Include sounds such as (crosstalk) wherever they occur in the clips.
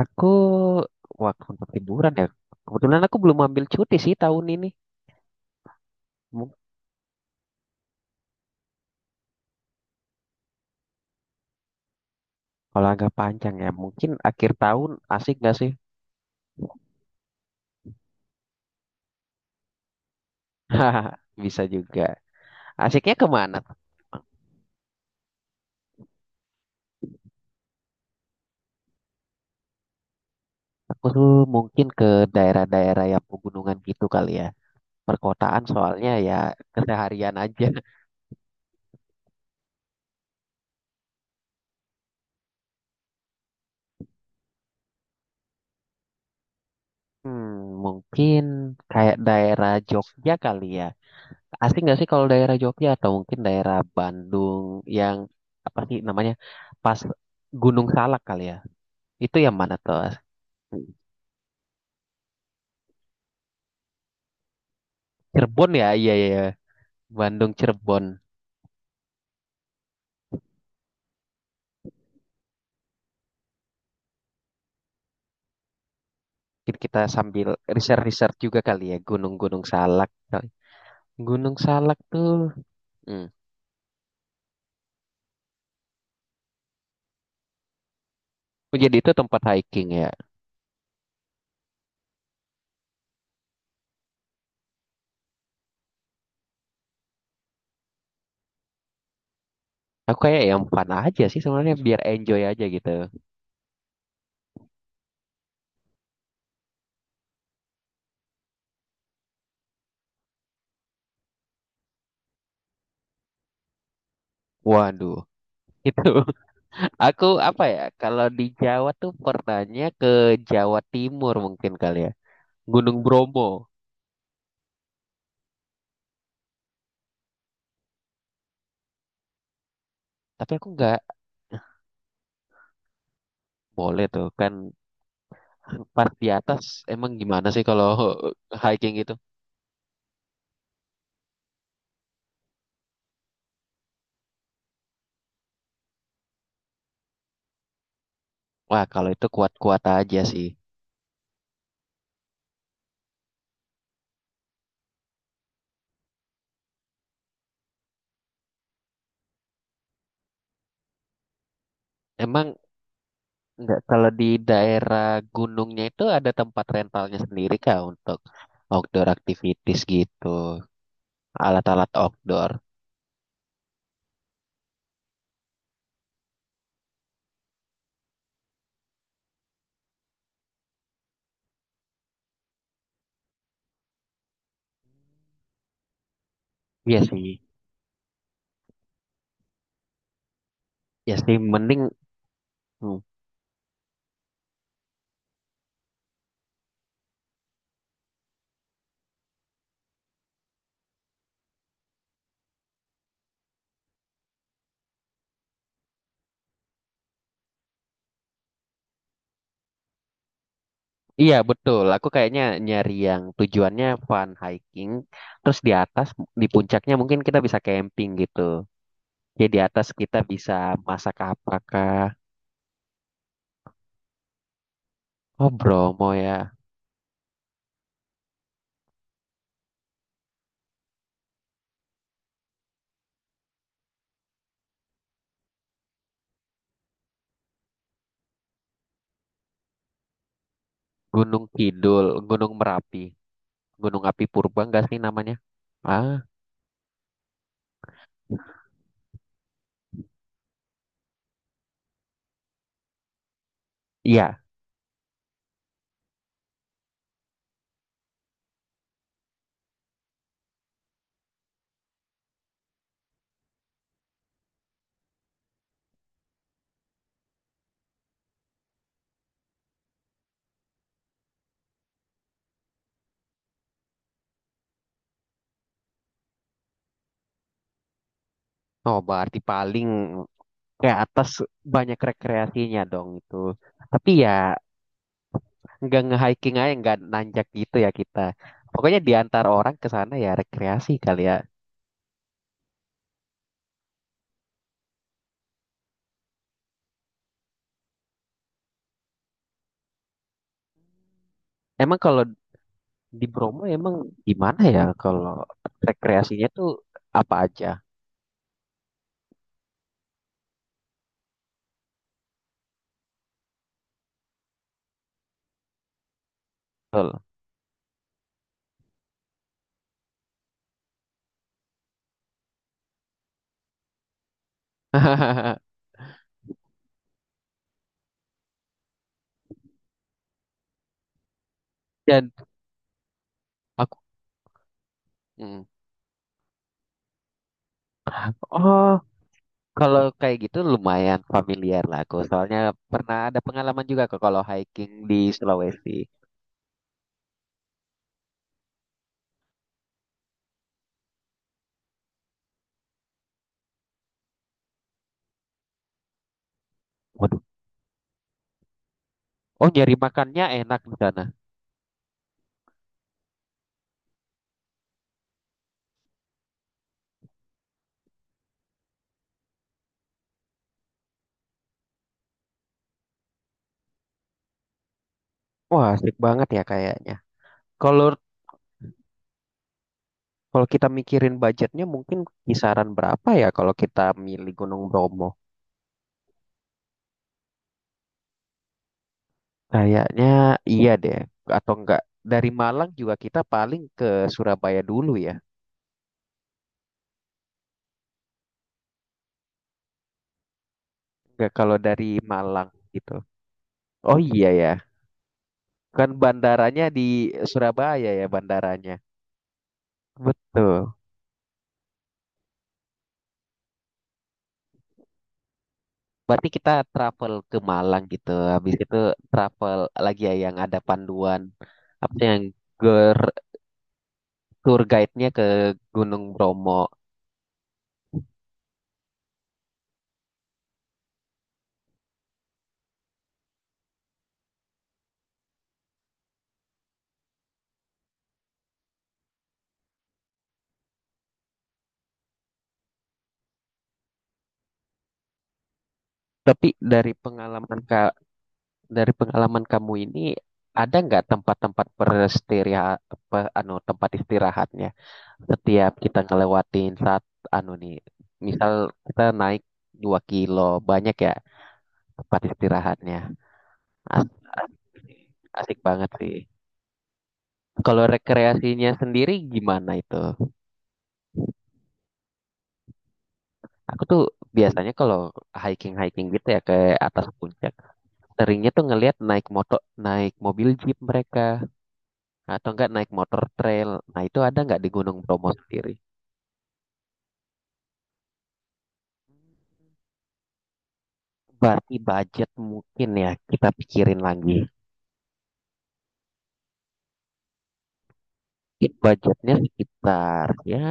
Aku waktu untuk liburan ya. Kebetulan aku belum ambil cuti sih tahun ini. Mung- kalau agak panjang ya, mungkin akhir tahun asik gak sih? (laughs) Hahaha, bisa juga. Asiknya kemana? Aku tuh mungkin ke daerah-daerah yang pegunungan gitu kali ya. Perkotaan soalnya ya keseharian aja. (laughs) Hmm, mungkin kayak daerah Jogja kali ya. Asik nggak sih kalau daerah Jogja atau mungkin daerah Bandung yang apa sih namanya? Pas Gunung Salak kali ya. Itu yang mana tuh? Cirebon ya? Iya, iya, iya. Bandung, Cirebon. Mungkin kita sambil research-research juga kali ya. Gunung-gunung Salak. Gunung Salak tuh. Hmm. Oh, jadi itu tempat hiking ya. Aku kayak yang fun aja sih sebenarnya biar enjoy aja gitu. Waduh. Itu (laughs) aku apa ya? Kalau di Jawa tuh pernahnya ke Jawa Timur mungkin kali ya. Gunung Bromo. Tapi aku nggak boleh tuh kan pas di atas emang gimana sih kalau (laughs) hiking gitu? Wah, kalau itu kuat-kuat aja sih. Emang nggak kalau di daerah gunungnya itu ada tempat rentalnya sendiri kah untuk outdoor activities gitu, alat-alat outdoor. Iya sih, ya sih mending hmm. Iya betul, aku kayaknya nyari yang tujuannya fun hiking, terus di atas di puncaknya mungkin kita bisa camping gitu. Jadi di atas kita bisa masak apakah? Oh Bromo ya, Gunung Kidul, Gunung Merapi. Gunung Api Purba enggak sih namanya? Ah, iya. Oh, berarti paling ke atas banyak rekreasinya dong itu. Tapi ya nggak nge-hiking aja, nggak nanjak gitu ya kita. Pokoknya di antara orang ke sana ya rekreasi kali ya. Emang kalau di Bromo emang gimana ya kalau rekreasinya tuh apa aja? Betul. (laughs) Dan aku, hmm. oh Kalau kayak gitu lumayan familiar lah aku. Soalnya pernah ada pengalaman juga ke kalau hiking di Sulawesi. Waduh. Oh, nyari makannya enak di sana. Wah, asik banget ya kayaknya. Kalau kalau kita mikirin budgetnya mungkin kisaran berapa ya kalau kita milih Gunung Bromo? Kayaknya iya deh. Atau enggak dari Malang juga kita paling ke Surabaya dulu ya. Enggak kalau dari Malang gitu. Oh iya ya. Kan bandaranya di Surabaya ya bandaranya. Betul. Berarti kita travel ke Malang gitu. Habis itu travel lagi ya yang ada panduan apa sih yang ger- tour guide-nya ke Gunung Bromo. Tapi dari pengalaman ka, dari pengalaman kamu ini ada nggak tempat-tempat beristirahat apa anu tempat istirahatnya setiap kita ngelewatin saat anu nih misal kita naik 2 kilo banyak ya tempat istirahatnya asik, asik banget sih. Kalau rekreasinya sendiri gimana itu? Aku tuh biasanya kalau hiking-hiking gitu ya ke atas puncak, seringnya tuh ngelihat naik motor, naik mobil jeep mereka atau enggak naik motor trail. Nah, itu ada nggak di Gunung Bromo sendiri? Berarti budget mungkin ya kita pikirin lagi. Mungkin budgetnya sekitar ya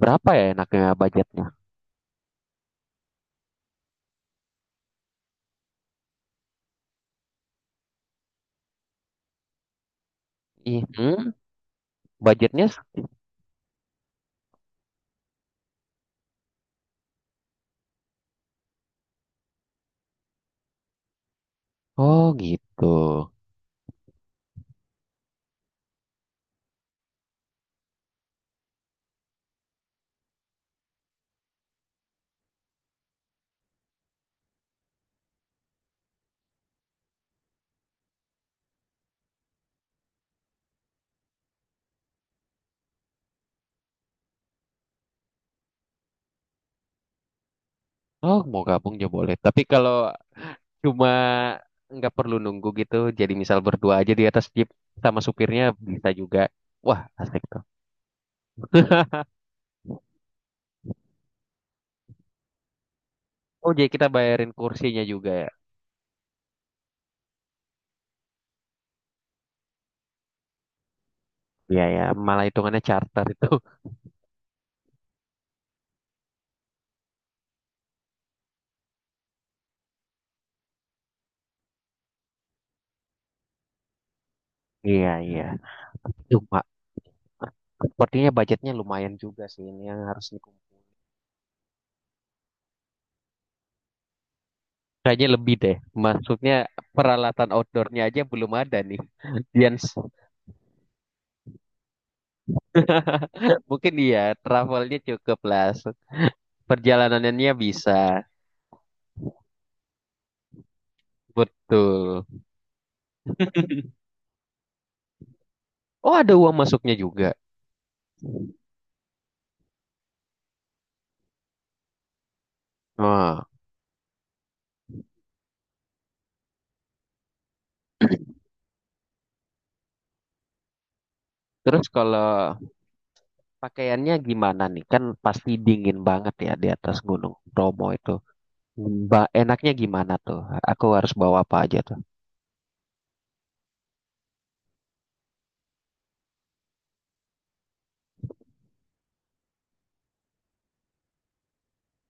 berapa ya enaknya budgetnya? Ih, hmm, budgetnya s- oh gitu. Oh, mau gabung ya boleh. Tapi kalau cuma nggak perlu nunggu gitu jadi misal berdua aja di atas jeep sama supirnya bisa juga, wah asik tuh. Oh jadi kita bayarin kursinya juga ya, iya ya, malah hitungannya charter itu. (laughs) Iya iya, cuma sepertinya budgetnya lumayan juga sih ini yang harus dikumpulkan. Kayaknya lebih deh, maksudnya peralatan outdoornya aja belum ada nih. Jens (laughs) mungkin iya travelnya cukup lah, perjalanannya bisa, betul. Oh ada uang masuknya juga. Wah. Terus kalau pakaiannya gimana nih? Kan pasti dingin banget ya di atas Gunung Bromo itu. Ba- enaknya gimana tuh? Aku harus bawa apa aja tuh?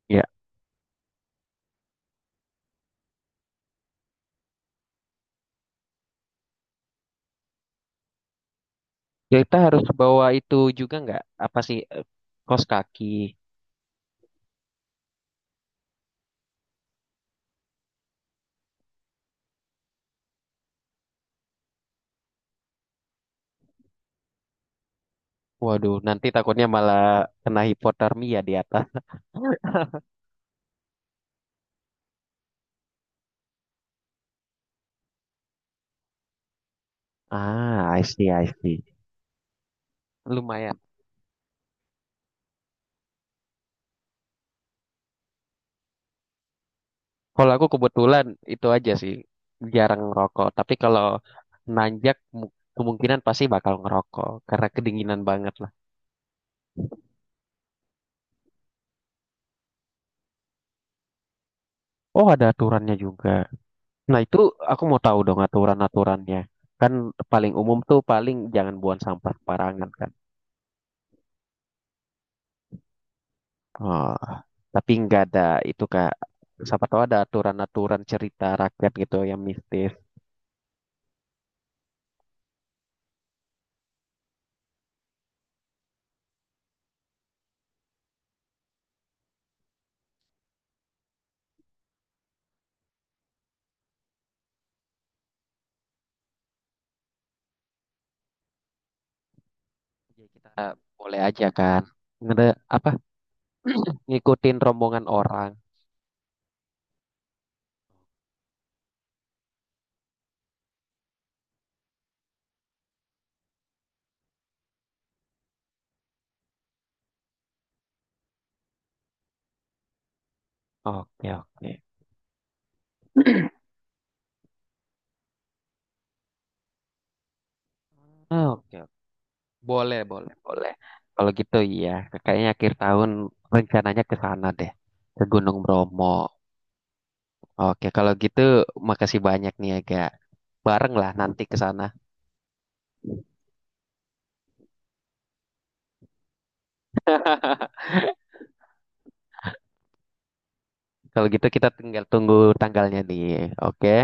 Ya, kita harus bawa itu juga nggak? Apa sih? Kaos kaki. Waduh, nanti takutnya malah kena hipotermia di atas. (laughs) Ah, I see, I see. Lumayan. Kalau aku kebetulan itu aja sih, jarang ngerokok. Tapi kalau nanjak mu- kemungkinan pasti bakal ngerokok karena kedinginan banget. Oh, ada aturannya juga. Nah, itu aku mau tahu dong aturan-aturannya. Kan paling umum tuh paling jangan buang sampah sembarangan kan. Oh, tapi nggak ada itu Kak. Siapa tahu ada aturan-aturan cerita rakyat gitu yang mistis. Jadi kita boleh aja kan. Ngede, apa ngikutin rombongan orang. Oke, oke. Oh, oke, oke. Boleh, boleh, boleh. Kalau gitu iya, kayaknya akhir tahun rencananya ke sana deh, ke Gunung Bromo. Oke, kalau gitu makasih banyak nih agak bareng lah nanti ke sana. Kalau gitu kita tinggal tunggu tanggalnya nih. Oke.